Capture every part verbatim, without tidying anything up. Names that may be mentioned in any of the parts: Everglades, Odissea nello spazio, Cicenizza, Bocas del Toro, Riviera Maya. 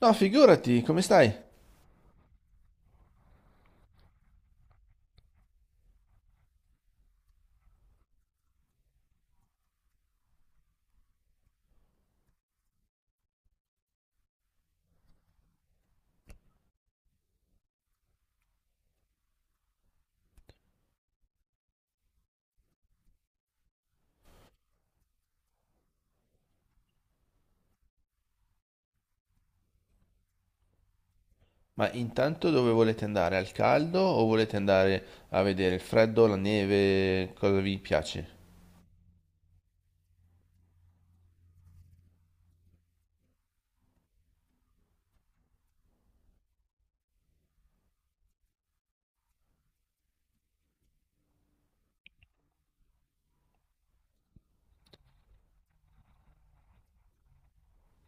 No, figurati, come stai? Ma intanto dove volete andare? Al caldo o volete andare a vedere il freddo, la neve, cosa vi piace?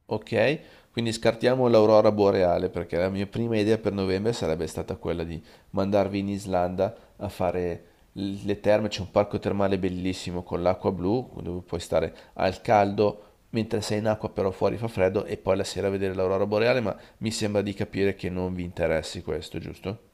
Ok, quindi scartiamo l'aurora boreale perché la mia prima idea per novembre sarebbe stata quella di mandarvi in Islanda a fare l- le terme, c'è un parco termale bellissimo con l'acqua blu dove puoi stare al caldo mentre sei in acqua però fuori fa freddo e poi la sera vedere l'aurora boreale, ma mi sembra di capire che non vi interessi questo, giusto?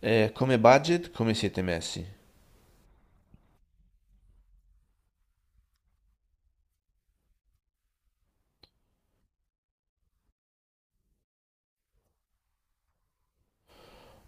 Eh, come budget, come siete messi?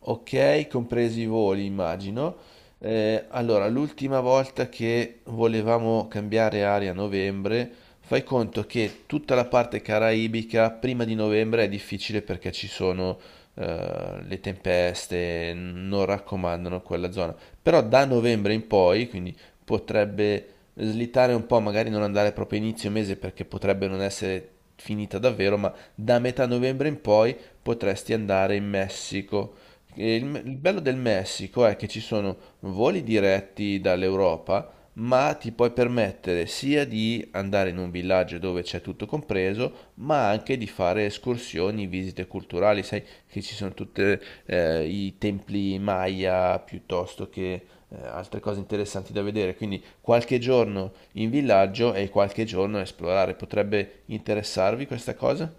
Ok, compresi i voli, immagino. Eh, allora, l'ultima volta che volevamo cambiare aria a novembre, fai conto che tutta la parte caraibica prima di novembre è difficile perché ci sono eh, le tempeste, non raccomandano quella zona. Però da novembre in poi, quindi potrebbe slittare un po', magari non andare proprio a inizio mese perché potrebbe non essere finita davvero, ma da metà novembre in poi potresti andare in Messico. E Il, il bello del Messico è che ci sono voli diretti dall'Europa, ma ti puoi permettere sia di andare in un villaggio dove c'è tutto compreso, ma anche di fare escursioni, visite culturali. Sai che ci sono tutti i templi Maya piuttosto che eh, altre cose interessanti da vedere. Quindi qualche giorno in villaggio e qualche giorno a esplorare. Potrebbe interessarvi questa cosa?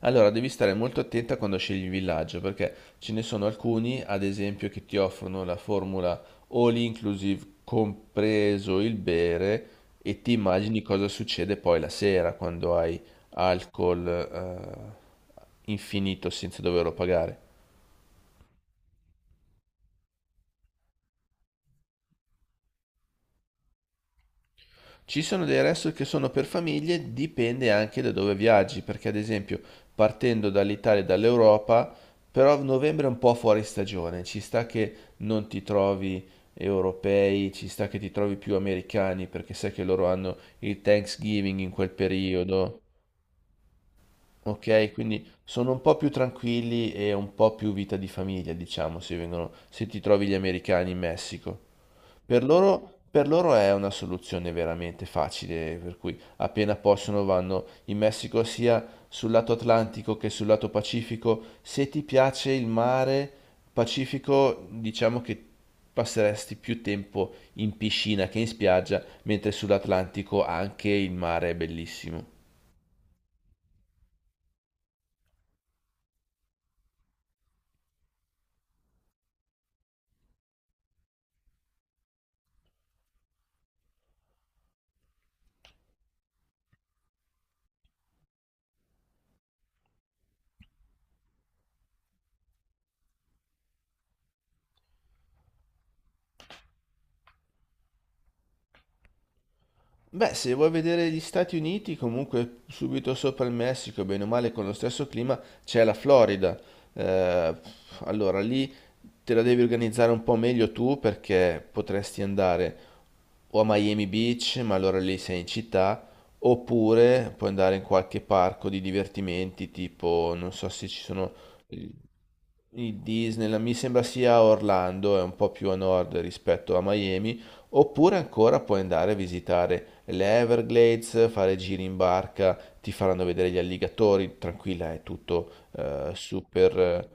Allora, devi stare molto attenta quando scegli il villaggio, perché ce ne sono alcuni, ad esempio, che ti offrono la formula all inclusive, compreso il bere, e ti immagini cosa succede poi la sera quando hai alcol, eh, infinito senza doverlo pagare. Ci sono dei resort che sono per famiglie, dipende anche da dove viaggi, perché ad esempio partendo dall'Italia e dall'Europa, però novembre è un po' fuori stagione, ci sta che non ti trovi europei, ci sta che ti trovi più americani, perché sai che loro hanno il Thanksgiving in quel periodo, ok? Quindi sono un po' più tranquilli e un po' più vita di famiglia, diciamo, se vengono, se ti trovi gli americani in Messico. Per loro, per loro è una soluzione veramente facile, per cui appena possono vanno in Messico sia sul lato Atlantico che sul lato Pacifico. Se ti piace il mare Pacifico, diciamo che passeresti più tempo in piscina che in spiaggia, mentre sull'Atlantico anche il mare è bellissimo. Beh, se vuoi vedere gli Stati Uniti, comunque subito sopra il Messico, bene o male con lo stesso clima, c'è la Florida. Eh, allora lì te la devi organizzare un po' meglio tu perché potresti andare o a Miami Beach, ma allora lì sei in città, oppure puoi andare in qualche parco di divertimenti, tipo, non so se ci sono i i Disneyland, mi sembra sia a Orlando, è un po' più a nord rispetto a Miami. Oppure ancora puoi andare a visitare le Everglades, fare giri in barca, ti faranno vedere gli alligatori, tranquilla, è tutto eh, super. eh.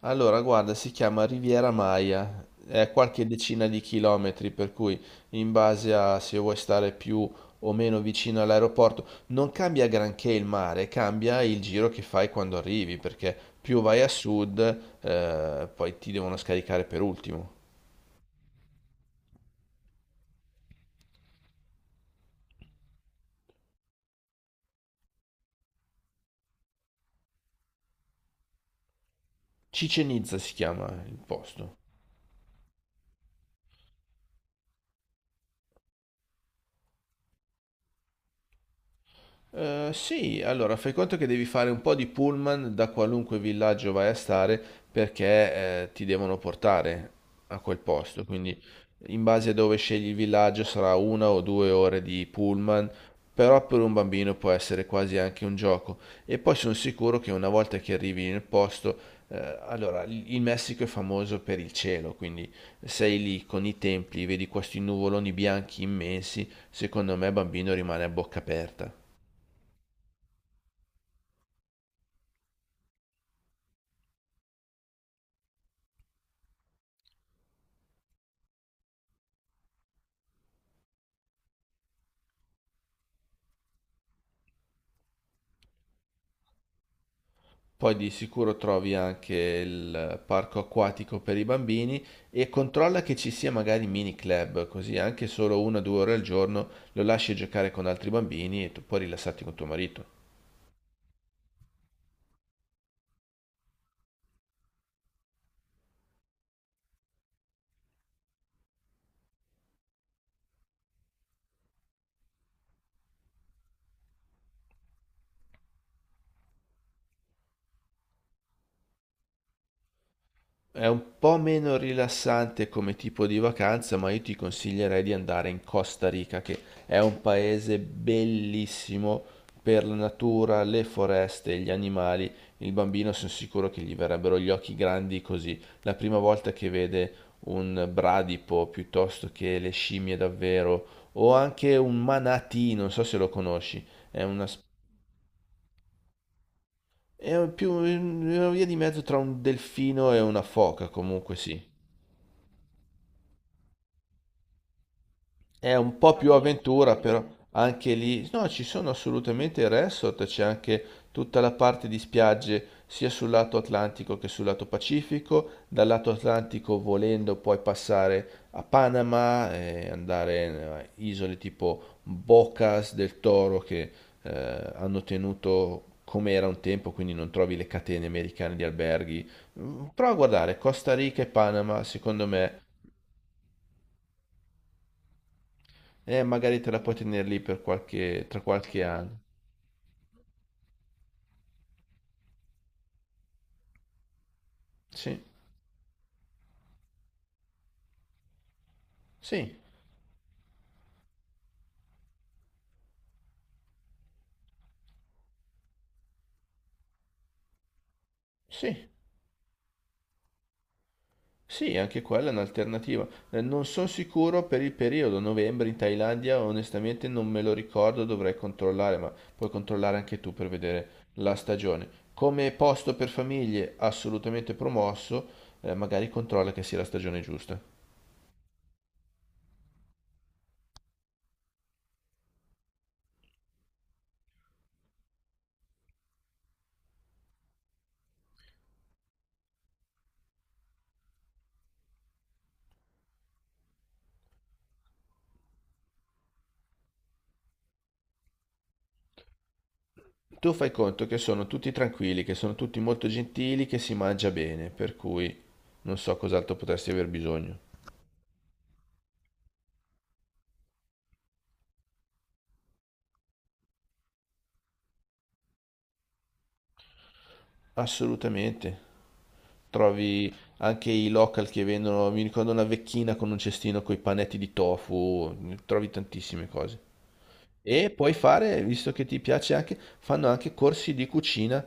Allora, guarda, si chiama Riviera Maya, è a qualche decina di chilometri, per cui in base a se vuoi stare più o meno vicino all'aeroporto, non cambia granché il mare, cambia il giro che fai quando arrivi, perché più vai a sud, eh, poi ti devono scaricare per ultimo. Cicenizza si chiama il posto. Eh, sì, allora fai conto che devi fare un po' di pullman da qualunque villaggio vai a stare perché eh, ti devono portare a quel posto, quindi in base a dove scegli il villaggio sarà una o due ore di pullman, però per un bambino può essere quasi anche un gioco. E poi sono sicuro che una volta che arrivi nel posto, eh, allora il il Messico è famoso per il cielo, quindi sei lì con i templi, vedi questi nuvoloni bianchi immensi, secondo me bambino rimane a bocca aperta. Poi di sicuro trovi anche il parco acquatico per i bambini e controlla che ci sia magari mini club, così anche solo una o due ore al giorno lo lasci giocare con altri bambini e tu puoi rilassarti con tuo marito. È un po' meno rilassante come tipo di vacanza, ma io ti consiglierei di andare in Costa Rica, che è un paese bellissimo per la natura, le foreste, gli animali. Il bambino sono sicuro che gli verrebbero gli occhi grandi così. La prima volta che vede un bradipo piuttosto che le scimmie davvero, o anche un manatee, non so se lo conosci, è una, sp- è più una via di mezzo tra un delfino e una foca, comunque sì. È un po' più avventura, però anche lì. No, ci sono assolutamente il resort, c'è anche tutta la parte di spiagge sia sul lato Atlantico che sul lato Pacifico. Dal lato Atlantico, volendo, puoi passare a Panama e andare in eh, isole tipo Bocas del Toro che eh, hanno tenuto come era un tempo, quindi non trovi le catene americane di alberghi. Mm, prova a guardare Costa Rica e Panama, secondo me. E magari te la puoi tenere lì per qualche, tra qualche anno. Sì, sì, sì, sì, anche quella è un'alternativa. Eh, Non sono sicuro per il periodo novembre in Thailandia, onestamente non me lo ricordo, dovrei controllare, ma puoi controllare anche tu per vedere la stagione. Come posto per famiglie assolutamente promosso, eh, magari controlla che sia la stagione giusta. Tu fai conto che sono tutti tranquilli, che sono tutti molto gentili, che si mangia bene, per cui non so cos'altro potresti aver bisogno. Assolutamente. Trovi anche i local che vendono, mi ricordo una vecchina con un cestino con i panetti di tofu, trovi tantissime cose. E puoi fare, visto che ti piace anche, fanno anche corsi di cucina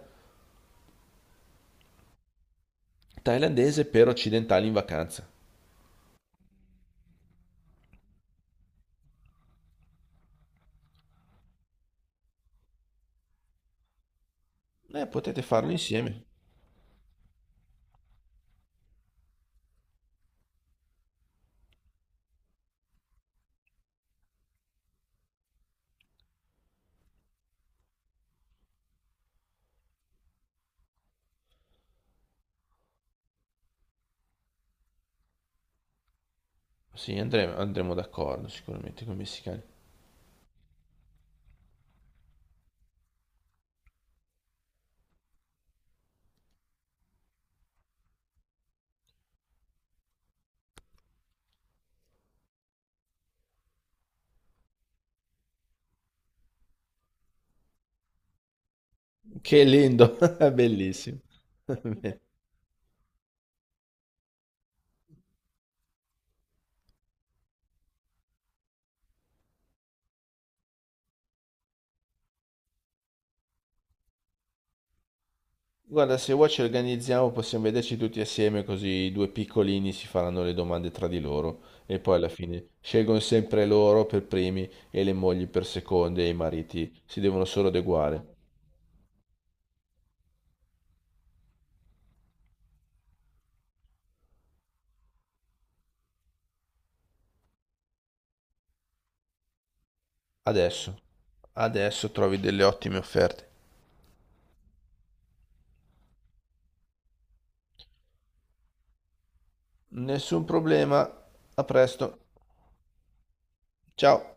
thailandese per occidentali in vacanza. Eh, potete farlo insieme. Sì, andremo, andremo d'accordo sicuramente con i messicani. Che lindo, bellissimo. Guarda, se vuoi ci organizziamo, possiamo vederci tutti assieme, così i due piccolini si faranno le domande tra di loro e poi alla fine scelgono sempre loro per primi e le mogli per seconde e i mariti si devono solo adeguare. Adesso, adesso trovi delle ottime offerte. Nessun problema, a presto. Ciao.